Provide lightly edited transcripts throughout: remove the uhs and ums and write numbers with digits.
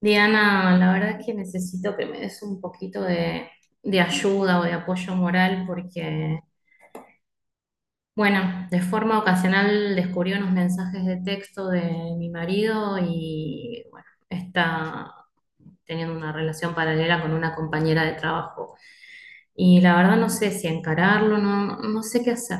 Diana, la verdad es que necesito que me des un poquito de ayuda o de apoyo moral porque, bueno, de forma ocasional descubrí unos mensajes de texto de mi marido y, bueno, está teniendo una relación paralela con una compañera de trabajo. Y la verdad no sé si encararlo, no, no sé qué hacer.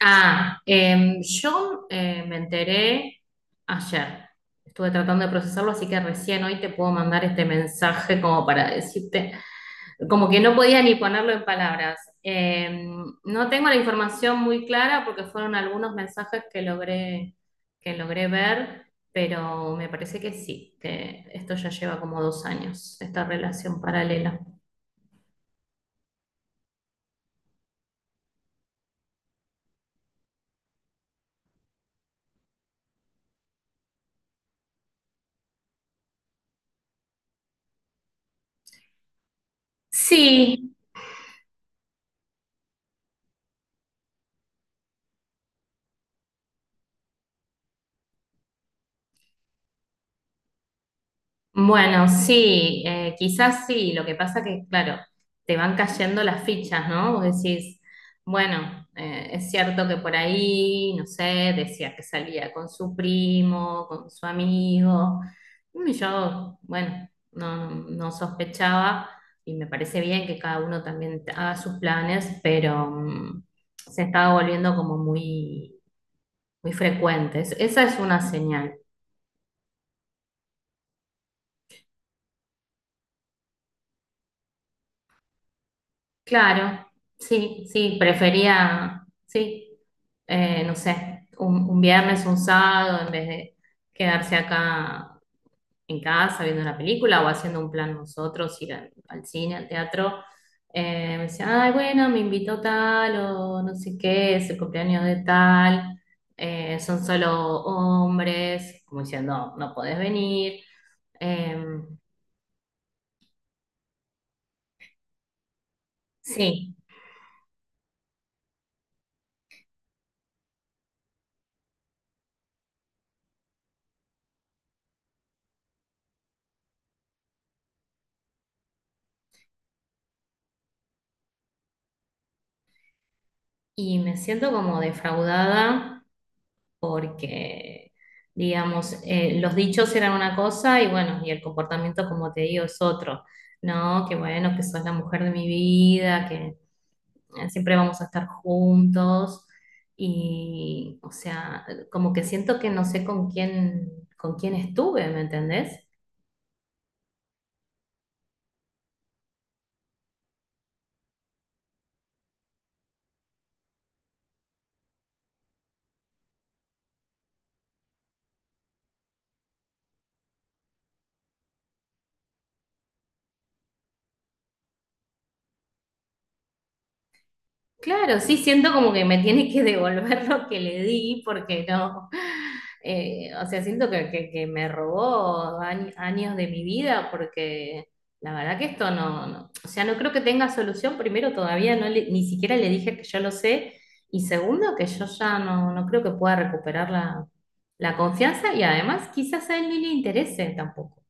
Ah, yo me enteré ayer. Estuve tratando de procesarlo, así que recién hoy te puedo mandar este mensaje como para decirte, como que no podía ni ponerlo en palabras. No tengo la información muy clara porque fueron algunos mensajes que logré ver, pero me parece que sí, que esto ya lleva como 2 años, esta relación paralela. Sí, bueno, sí, quizás sí, lo que pasa que, claro, te van cayendo las fichas, ¿no? Vos decís, bueno, es cierto que por ahí, no sé, decía que salía con su primo, con su amigo, y yo, bueno, no, no sospechaba y me parece bien que cada uno también haga sus planes, pero se estaba volviendo como muy, muy frecuente. Esa es una señal. Claro, sí, sí, prefería, sí, no sé, un viernes, un sábado, en vez de quedarse acá en casa viendo una película o haciendo un plan nosotros, ir al cine, al teatro. Me decía, ay, bueno, me invitó tal o no sé qué, es el cumpleaños de tal, son solo hombres, como diciendo, no, no podés venir. Eh, sí, y me siento como defraudada porque, digamos, los dichos eran una cosa y bueno, y el comportamiento, como te digo, es otro, ¿no? Que bueno, que sos la mujer de mi vida, que siempre vamos a estar juntos y, o sea, como que siento que no sé con quién estuve, ¿me entendés? Claro, sí siento como que me tiene que devolver lo que le di porque no, o sea, siento que me robó años de mi vida porque la verdad que esto no, o sea, no creo que tenga solución. Primero, todavía no, ni siquiera le dije que yo lo sé y segundo, que yo ya no, no creo que pueda recuperar la confianza y además quizás a él ni le interese tampoco.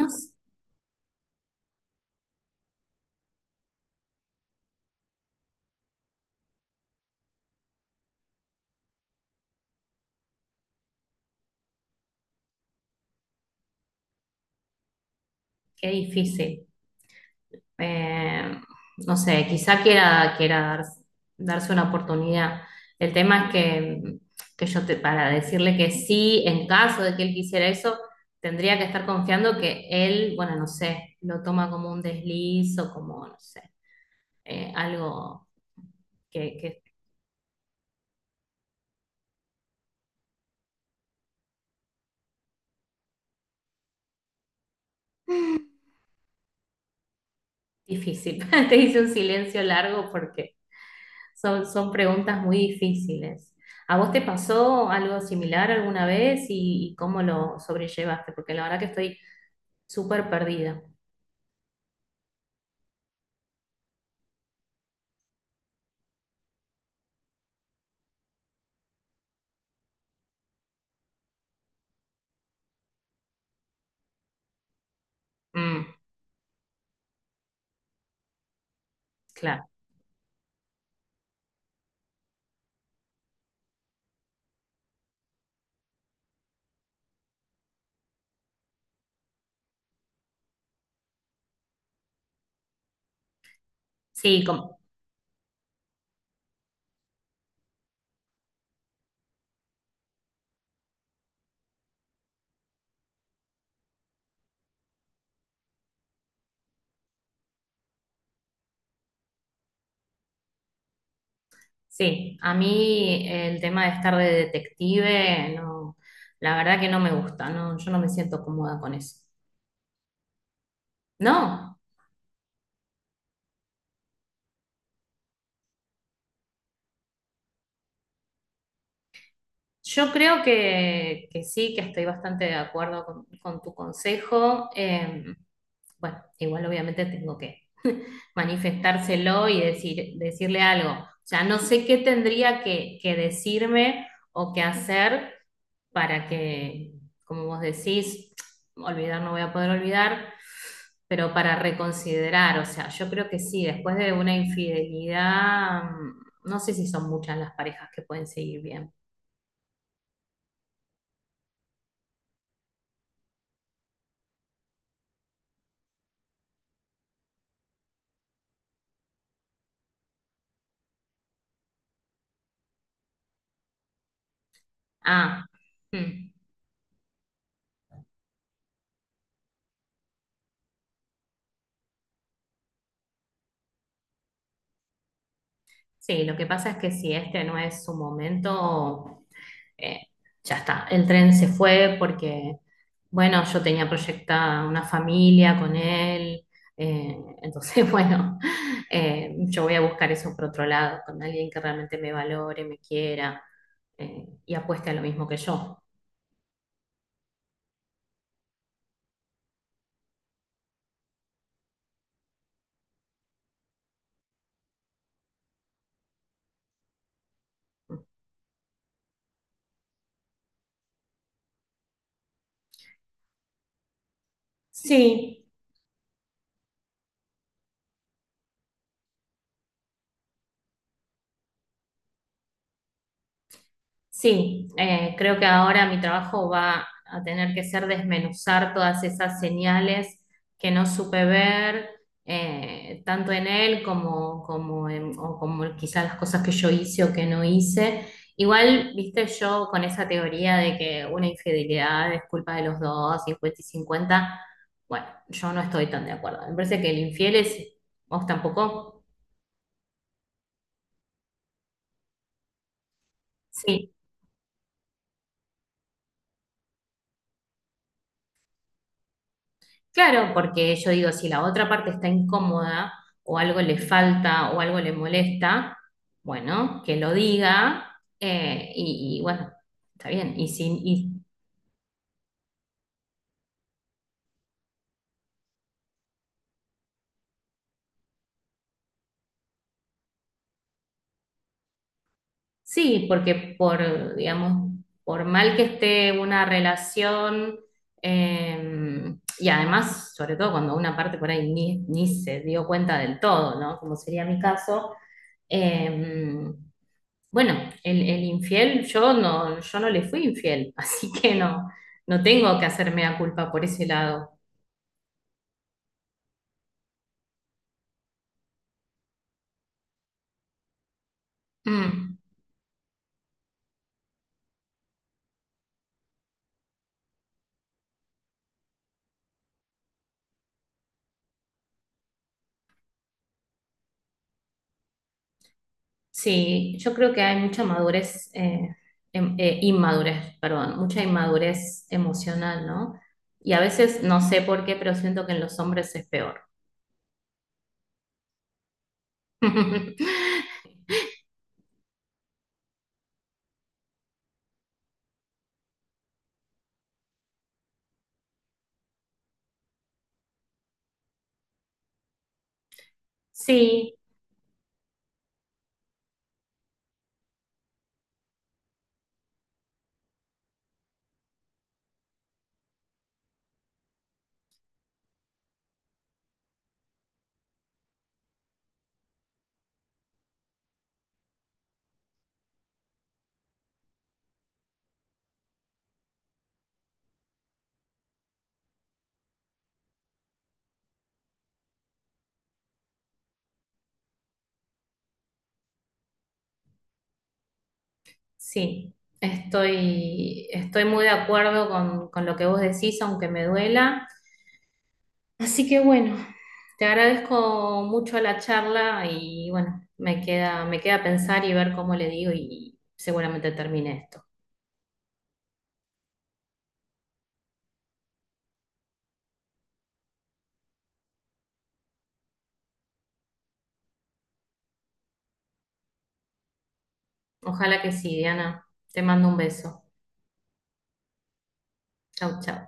No sé, qué difícil. Eh, no sé, quizá quiera darse una oportunidad. El tema es que para decirle que sí, en caso de que él quisiera eso, tendría que estar confiando que él, bueno, no sé, lo toma como un desliz o como, no sé, algo que es difícil. Te hice un silencio largo porque son preguntas muy difíciles. ¿A vos te pasó algo similar alguna vez y cómo lo sobrellevaste? Porque la verdad que estoy súper perdida. Mm, claro. Sí, sí, a mí el tema de estar de detective, no, la verdad que no me gusta, no, yo no me siento cómoda con eso. No, yo creo que sí, que estoy bastante de acuerdo con tu consejo. Bueno, igual obviamente tengo manifestárselo y decirle algo. O sea, no sé qué tendría que decirme o qué hacer para que, como vos decís, olvidar no voy a poder olvidar, pero para reconsiderar, o sea, yo creo que sí, después de una infidelidad, no sé si son muchas las parejas que pueden seguir bien. Ah, mm, sí, lo que pasa es que si este no es su momento, eh, ya está, el tren se fue porque, bueno, yo tenía proyectada una familia con él, entonces, bueno, yo voy a buscar eso por otro lado, con alguien que realmente me valore, me quiera y apueste a lo mismo que yo. Sí, sí, creo que ahora mi trabajo va a tener que ser desmenuzar todas esas señales que no supe ver, tanto en él como, o como quizás las cosas que yo hice o que no hice. Igual, viste, yo con esa teoría de que una infidelidad es culpa de los dos, 50 y 50. Bueno, yo no estoy tan de acuerdo. Me parece que el infiel es, vos tampoco. Claro, porque yo digo, si la otra parte está incómoda o algo le falta o algo le molesta, bueno, que lo diga y bueno, está bien. Y si, y Sí, porque por, digamos, por mal que esté una relación, y además, sobre todo cuando una parte por ahí ni se dio cuenta del todo, ¿no? Como sería mi caso, eh, bueno, el infiel, yo no le fui infiel, así que no, no tengo que hacerme a culpa por ese lado. Mm. Sí, yo creo que hay mucha madurez, inmadurez, perdón, mucha inmadurez emocional, ¿no? Y a veces no sé por qué, pero siento que en los hombres es peor. Sí, sí, estoy muy de acuerdo con lo que vos decís, aunque me duela. Así que bueno, te agradezco mucho la charla y bueno, me queda pensar y ver cómo le digo y seguramente termine esto. Ojalá que sí, Diana. Te mando un beso. Chau, chau.